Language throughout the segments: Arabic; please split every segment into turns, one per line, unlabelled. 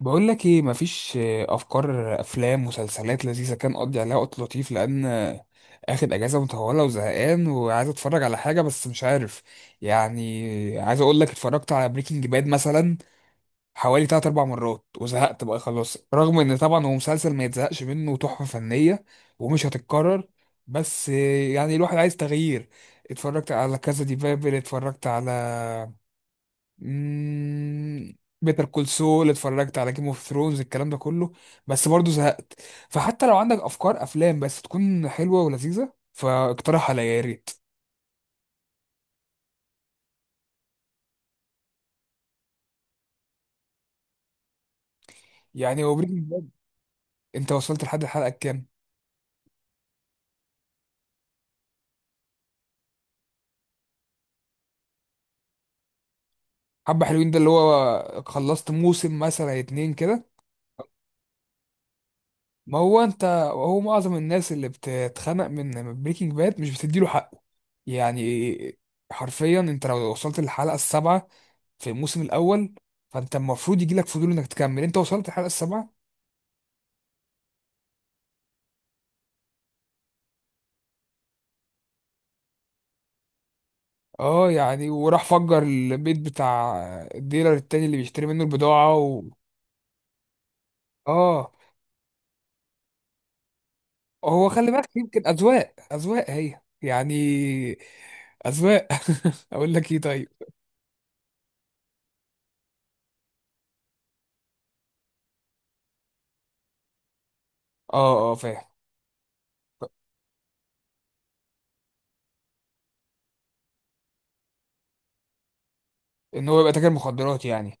بقول لك ايه؟ مفيش افكار افلام مسلسلات لذيذه كان اقضي عليها وقت لطيف؟ لان اخد اجازه مطوله وزهقان وعايز اتفرج على حاجه بس مش عارف. يعني عايز اقول لك، اتفرجت على بريكنج باد مثلا حوالي 3 4 مرات وزهقت بقى خلاص، رغم ان طبعا هو مسلسل ما يتزهقش منه وتحفه فنيه ومش هتتكرر. بس يعني الواحد عايز تغيير. اتفرجت على كذا، دي بابل، اتفرجت على بيتر كول سول، اتفرجت على جيم اوف ثرونز، الكلام ده كله، بس برضه زهقت. فحتى لو عندك افكار افلام بس تكون حلوه ولذيذه، فاقترح عليا يا ريت. يعني هو بريكنج باد، انت وصلت لحد الحلقه كام؟ حبه حلوين ده اللي هو خلصت موسم مثلا اتنين كده؟ ما هو انت، هو معظم الناس اللي بتتخنق من بريكنج باد مش بتديله حقه. يعني حرفيا انت لو وصلت للحلقه السابعه في الموسم الاول، فانت المفروض يجي لك فضول انك تكمل. انت وصلت الحلقه السابعه؟ اه، يعني وراح فجر البيت بتاع الديلر التاني اللي بيشتري منه البضاعه و... اه، هو خلي بالك، يمكن اذواق هي يعني. اذواق. اقول لك ايه، طيب. اه اه، فاهم. ان هو يبقى تاجر مخدرات يعني.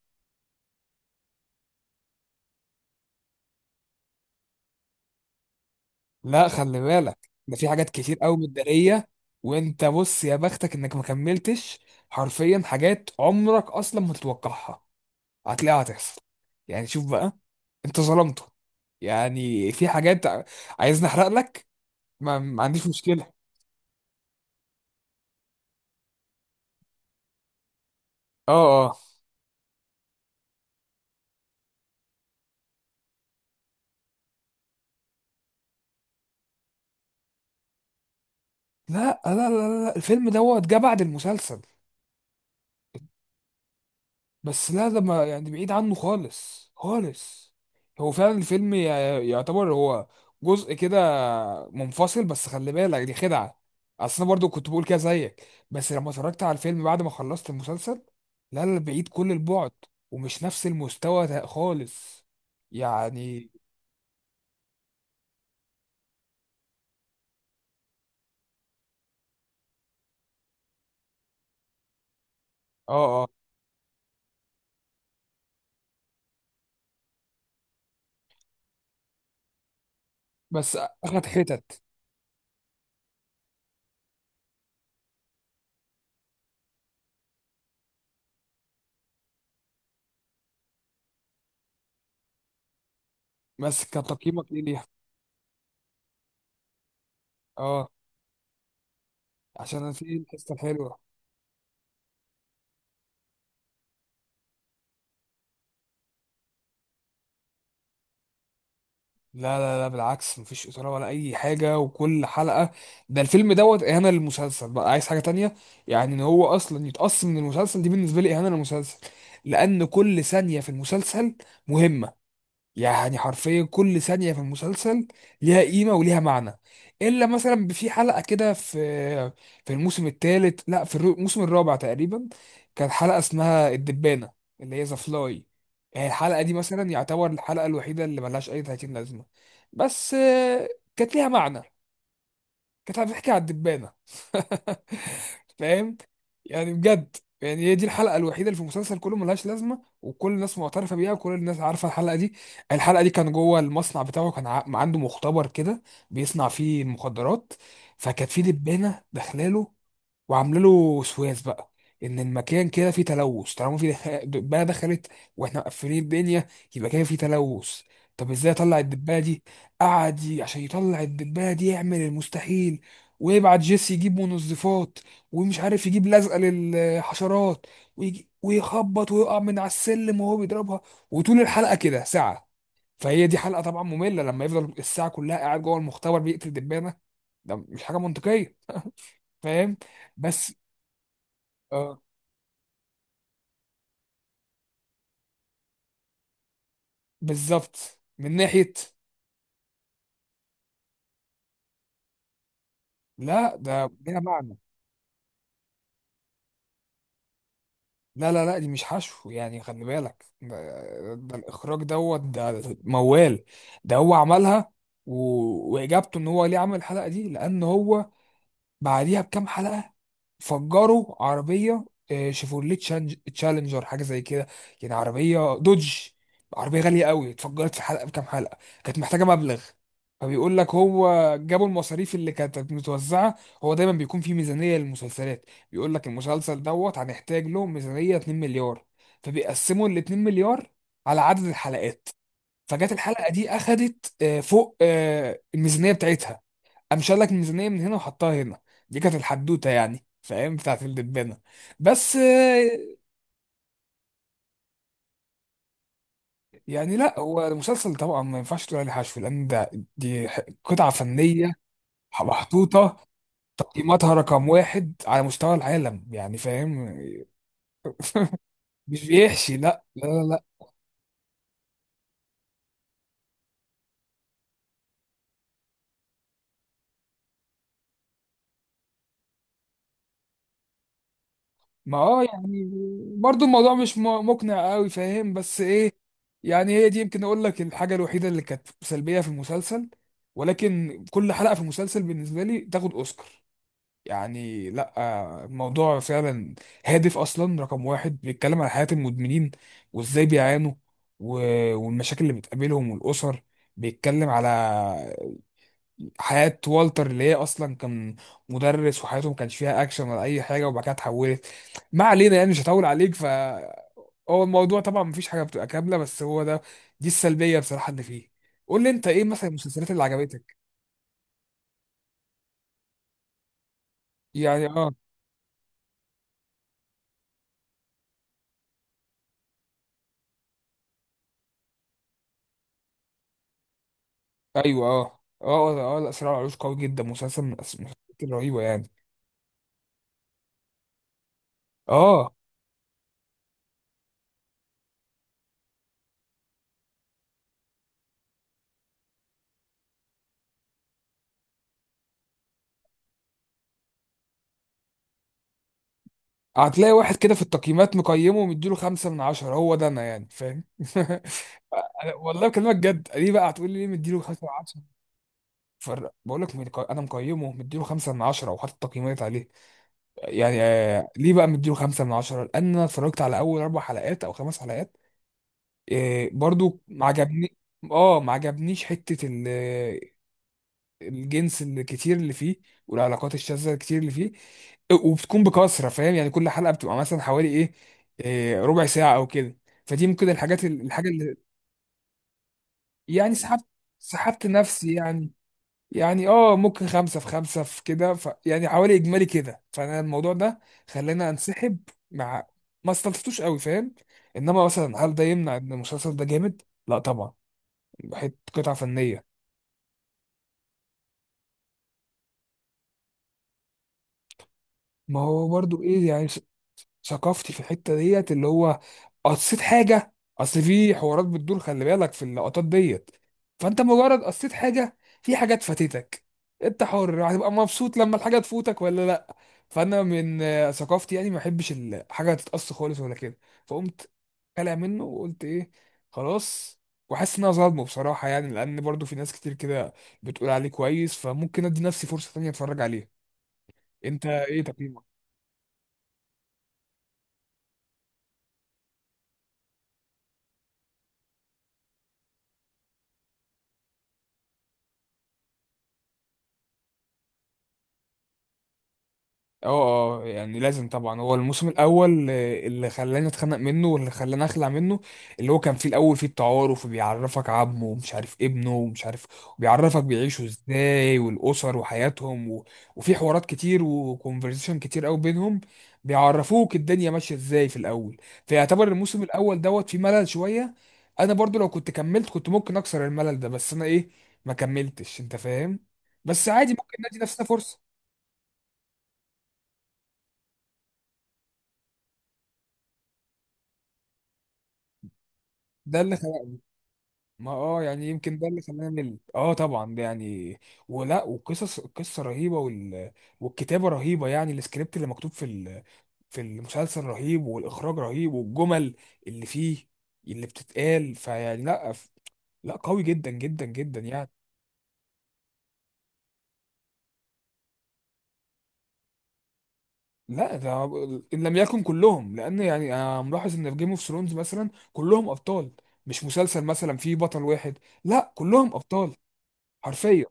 لا خلي بالك، ده في حاجات كتير قوي متداريه. وانت بص، يا بختك انك ما كملتش. حرفيا حاجات عمرك اصلا ما تتوقعها هتلاقيها هتحصل. يعني شوف بقى، انت ظلمته. يعني في حاجات. عايزني احرق لك؟ ما عنديش مشكلة. اه اه. لا، الفيلم دوت جه بعد المسلسل. بس لا، ده ما يعني بعيد عنه خالص خالص. هو فعلا الفيلم يعتبر هو جزء كده منفصل، بس خلي بالك دي خدعة. اصل انا برضو كنت بقول كده زيك، بس لما اتفرجت على الفيلم بعد ما خلصت المسلسل، لا لا، بعيد كل البعد. ومش نفس المستوى ده خالص يعني. اه اه. بس اخد حتت. بس كان تقييمك ايه ليها؟ اه، عشان أنا نسيت الحصة الحلوة. لا لا لا، بالعكس، مفيش إثارة ولا أي حاجة، وكل حلقة، ده الفيلم دوت إهانة للمسلسل بقى، عايز حاجة تانية. يعني إن هو أصلا يتقص من المسلسل، دي بالنسبة لي إهانة للمسلسل، لأن كل ثانية في المسلسل مهمة. يعني حرفيا كل ثانية في المسلسل ليها قيمة وليها معنى. إلا مثلا في حلقة كده، في في الموسم الثالث، لا، في الموسم الرابع تقريبا، كانت حلقة اسمها الدبانة، اللي هي ذا فلاي. يعني الحلقة دي مثلا يعتبر الحلقة الوحيدة اللي ملهاش أي 30 لازمة. بس كانت ليها معنى. كانت هتحكي على الدبانة. فاهم؟ يعني بجد، يعني هي دي الحلقة الوحيدة اللي في المسلسل كله ملهاش لازمة، وكل الناس معترفة بيها، وكل الناس عارفة الحلقة دي. الحلقة دي كان جوه المصنع بتاعه، كان عنده مختبر كده بيصنع فيه المخدرات. فكانت في دبانة داخلاله، وعامله له وسواس بقى ان المكان كده فيه تلوث، طالما في دبانه دخلت واحنا مقفلين الدنيا، يبقى كده فيه تلوث. طب ازاي اطلع الدبانه دي؟ قعد عشان يطلع الدبانه دي يعمل المستحيل، ويبعت جيسي يجيب منظفات، ومش عارف يجيب لزقه للحشرات، ويجي ويخبط ويقع من على السلم وهو بيضربها، وطول الحلقه كده ساعه. فهي دي حلقه طبعا ممله، لما يفضل الساعه كلها قاعد جوه المختبر بيقتل دبانه، ده مش حاجه منطقيه، فاهم؟ بس اه، بالظبط من ناحية. لا ده ليها معنى. لا لا لا، دي مش حشو، يعني خلي بالك، ده الإخراج دوت، ده موال. ده هو عملها. و... وإجابته إن هو ليه عمل الحلقة دي، لأن هو بعديها بكام حلقة فجروا عربية، شيفورليه تشالنجر، حاجة زي كده، يعني عربية دوج، عربية غالية قوي، اتفجرت في حلقة بكام حلقة، كانت محتاجة مبلغ. فبيقول لك هو جابوا المصاريف اللي كانت متوزعة، هو دايما بيكون في ميزانية للمسلسلات، بيقول لك المسلسل دوت هنحتاج له ميزانية 2 مليار، فبيقسموا ال 2 مليار على عدد الحلقات. فجت الحلقة دي أخدت فوق الميزانية بتاعتها، قام شال لك ميزانيه من هنا وحطها هنا. دي كانت الحدوته يعني، فاهم، بتاعت الدبانه. بس يعني لا، هو المسلسل طبعا ما ينفعش تقول عليه حشو، لان ده دي قطعه فنيه محطوطه قيمتها رقم واحد على مستوى العالم، يعني فاهم. مش بيحشي، لا لا لا لا. ما اه، يعني برضو الموضوع مش مقنع قوي، فاهم، بس ايه، يعني هي دي يمكن اقول لك الحاجه الوحيده اللي كانت سلبيه في المسلسل. ولكن كل حلقه في المسلسل بالنسبه لي تاخد اوسكار. يعني لا، الموضوع فعلا هادف اصلا، رقم واحد بيتكلم عن حياة المدمنين وازاي بيعانوا، والمشاكل اللي بتقابلهم والاسر. بيتكلم على حياة والتر، اللي هي اصلا كان مدرس، وحياته ما كانش فيها اكشن ولا اي حاجة، وبعد كده اتحولت. ما علينا يعني، مش هطول عليك. ف هو الموضوع طبعا مفيش حاجة بتبقى كاملة، بس هو ده، دي السلبية بصراحة اللي فيه. قول لي انت، ايه مثلا المسلسلات اللي عجبتك؟ يعني اه. ايوه اه اه اه، لا صراع العروش قوي جدا، مسلسل من المسلسلات الرهيبه يعني. اه، هتلاقي واحد كده في التقييمات مقيمه ومديله خمسة من عشرة، هو ده انا يعني فاهم. أنا والله بكلمك جد، ليه بقى هتقول لي ليه مديله خمسة من عشرة؟ بقول لك انا مقيمه مديله خمسة من عشرة وحاطط تقييمات عليه. يعني ليه بقى مديله خمسة من عشرة؟ لان انا اتفرجت على اول اربع حلقات او خمس حلقات، برضو ما عجبني. اه، ما عجبنيش حته الجنس الكتير اللي فيه والعلاقات الشاذة الكتير اللي فيه، وبتكون بكثرة، فاهم؟ يعني كل حلقة بتبقى مثلا حوالي ايه، ربع ساعة او كده. فدي ممكن الحاجات الحاجة اللي يعني سحبت، سحبت نفسي يعني. يعني اه، ممكن خمسة في خمسة في كده، ف يعني حوالي اجمالي كده، فانا الموضوع ده خلاني انسحب مع، ما استلطفتوش قوي فاهم. انما مثلا هل ده يمنع ان المسلسل ده جامد؟ لا طبعا، حته قطعة فنية. ما هو برضو ايه يعني، ثقافتي في الحته ديت، اللي هو قصيت حاجه، اصل في حوارات بتدور، خلي بالك في اللقطات ديت، فانت مجرد قصيت حاجه في حاجات فاتتك. انت حر، هتبقى مبسوط لما الحاجه تفوتك ولا لا؟ فانا من ثقافتي يعني ما احبش الحاجه تتقص خالص ولا كده، فقمت قلع منه وقلت ايه، خلاص. وحاسس ان انا ظالمه بصراحه، يعني لان برضو في ناس كتير كده بتقول عليه كويس، فممكن ادي نفسي فرصه تانية اتفرج عليه. انت ايه تقييمك؟ اه اه، يعني لازم طبعا، هو الموسم الاول اللي خلاني اتخنق منه واللي خلاني اخلع منه، اللي هو كان فيه الاول فيه التعارف، وبيعرفك عمه ومش عارف ابنه ومش عارف، وبيعرفك بيعيشوا ازاي والاسر وحياتهم و... وفي حوارات كتير وكونفرزيشن كتير قوي بينهم، بيعرفوك الدنيا ماشيه ازاي في الاول. فيعتبر الموسم الاول دوت فيه ملل شويه. انا برضو لو كنت كملت كنت ممكن اكسر الملل ده، بس انا ايه، ما كملتش، انت فاهم. بس عادي، ممكن ندي نفسنا فرصه. ده اللي ما اه يعني يمكن ده اللي خلاني مل، اه طبعا ده يعني. ولا وقصص القصه رهيبه، وال... والكتابه رهيبه، يعني السكريبت اللي مكتوب في ال... في المسلسل رهيب، والاخراج رهيب، والجمل اللي فيه اللي بتتقال، فيعني لا ف... لا قوي جدا جدا جدا يعني. لا ده، ان لم يكن كلهم، لان يعني انا ملاحظ ان في جيم اوف ثرونز مثلا كلهم ابطال، مش مسلسل مثلا فيه بطل واحد، لا كلهم ابطال حرفيا.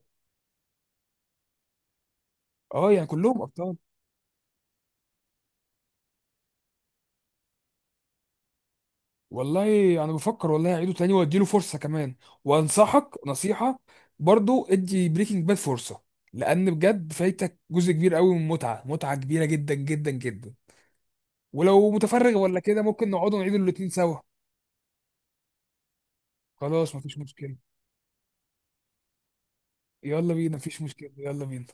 اه يعني كلهم ابطال. والله انا بفكر والله اعيده تاني واديله فرصه كمان. وانصحك نصيحه، برضو ادي بريكنج باد فرصه، لان بجد فايتك جزء كبير قوي من متعه، متعه كبيره جدا جدا جدا. ولو متفرغ ولا كده، ممكن نقعد نعيد الاتنين سوا. خلاص مفيش مشكله. يلا بينا، مفيش مشكله، يلا بينا.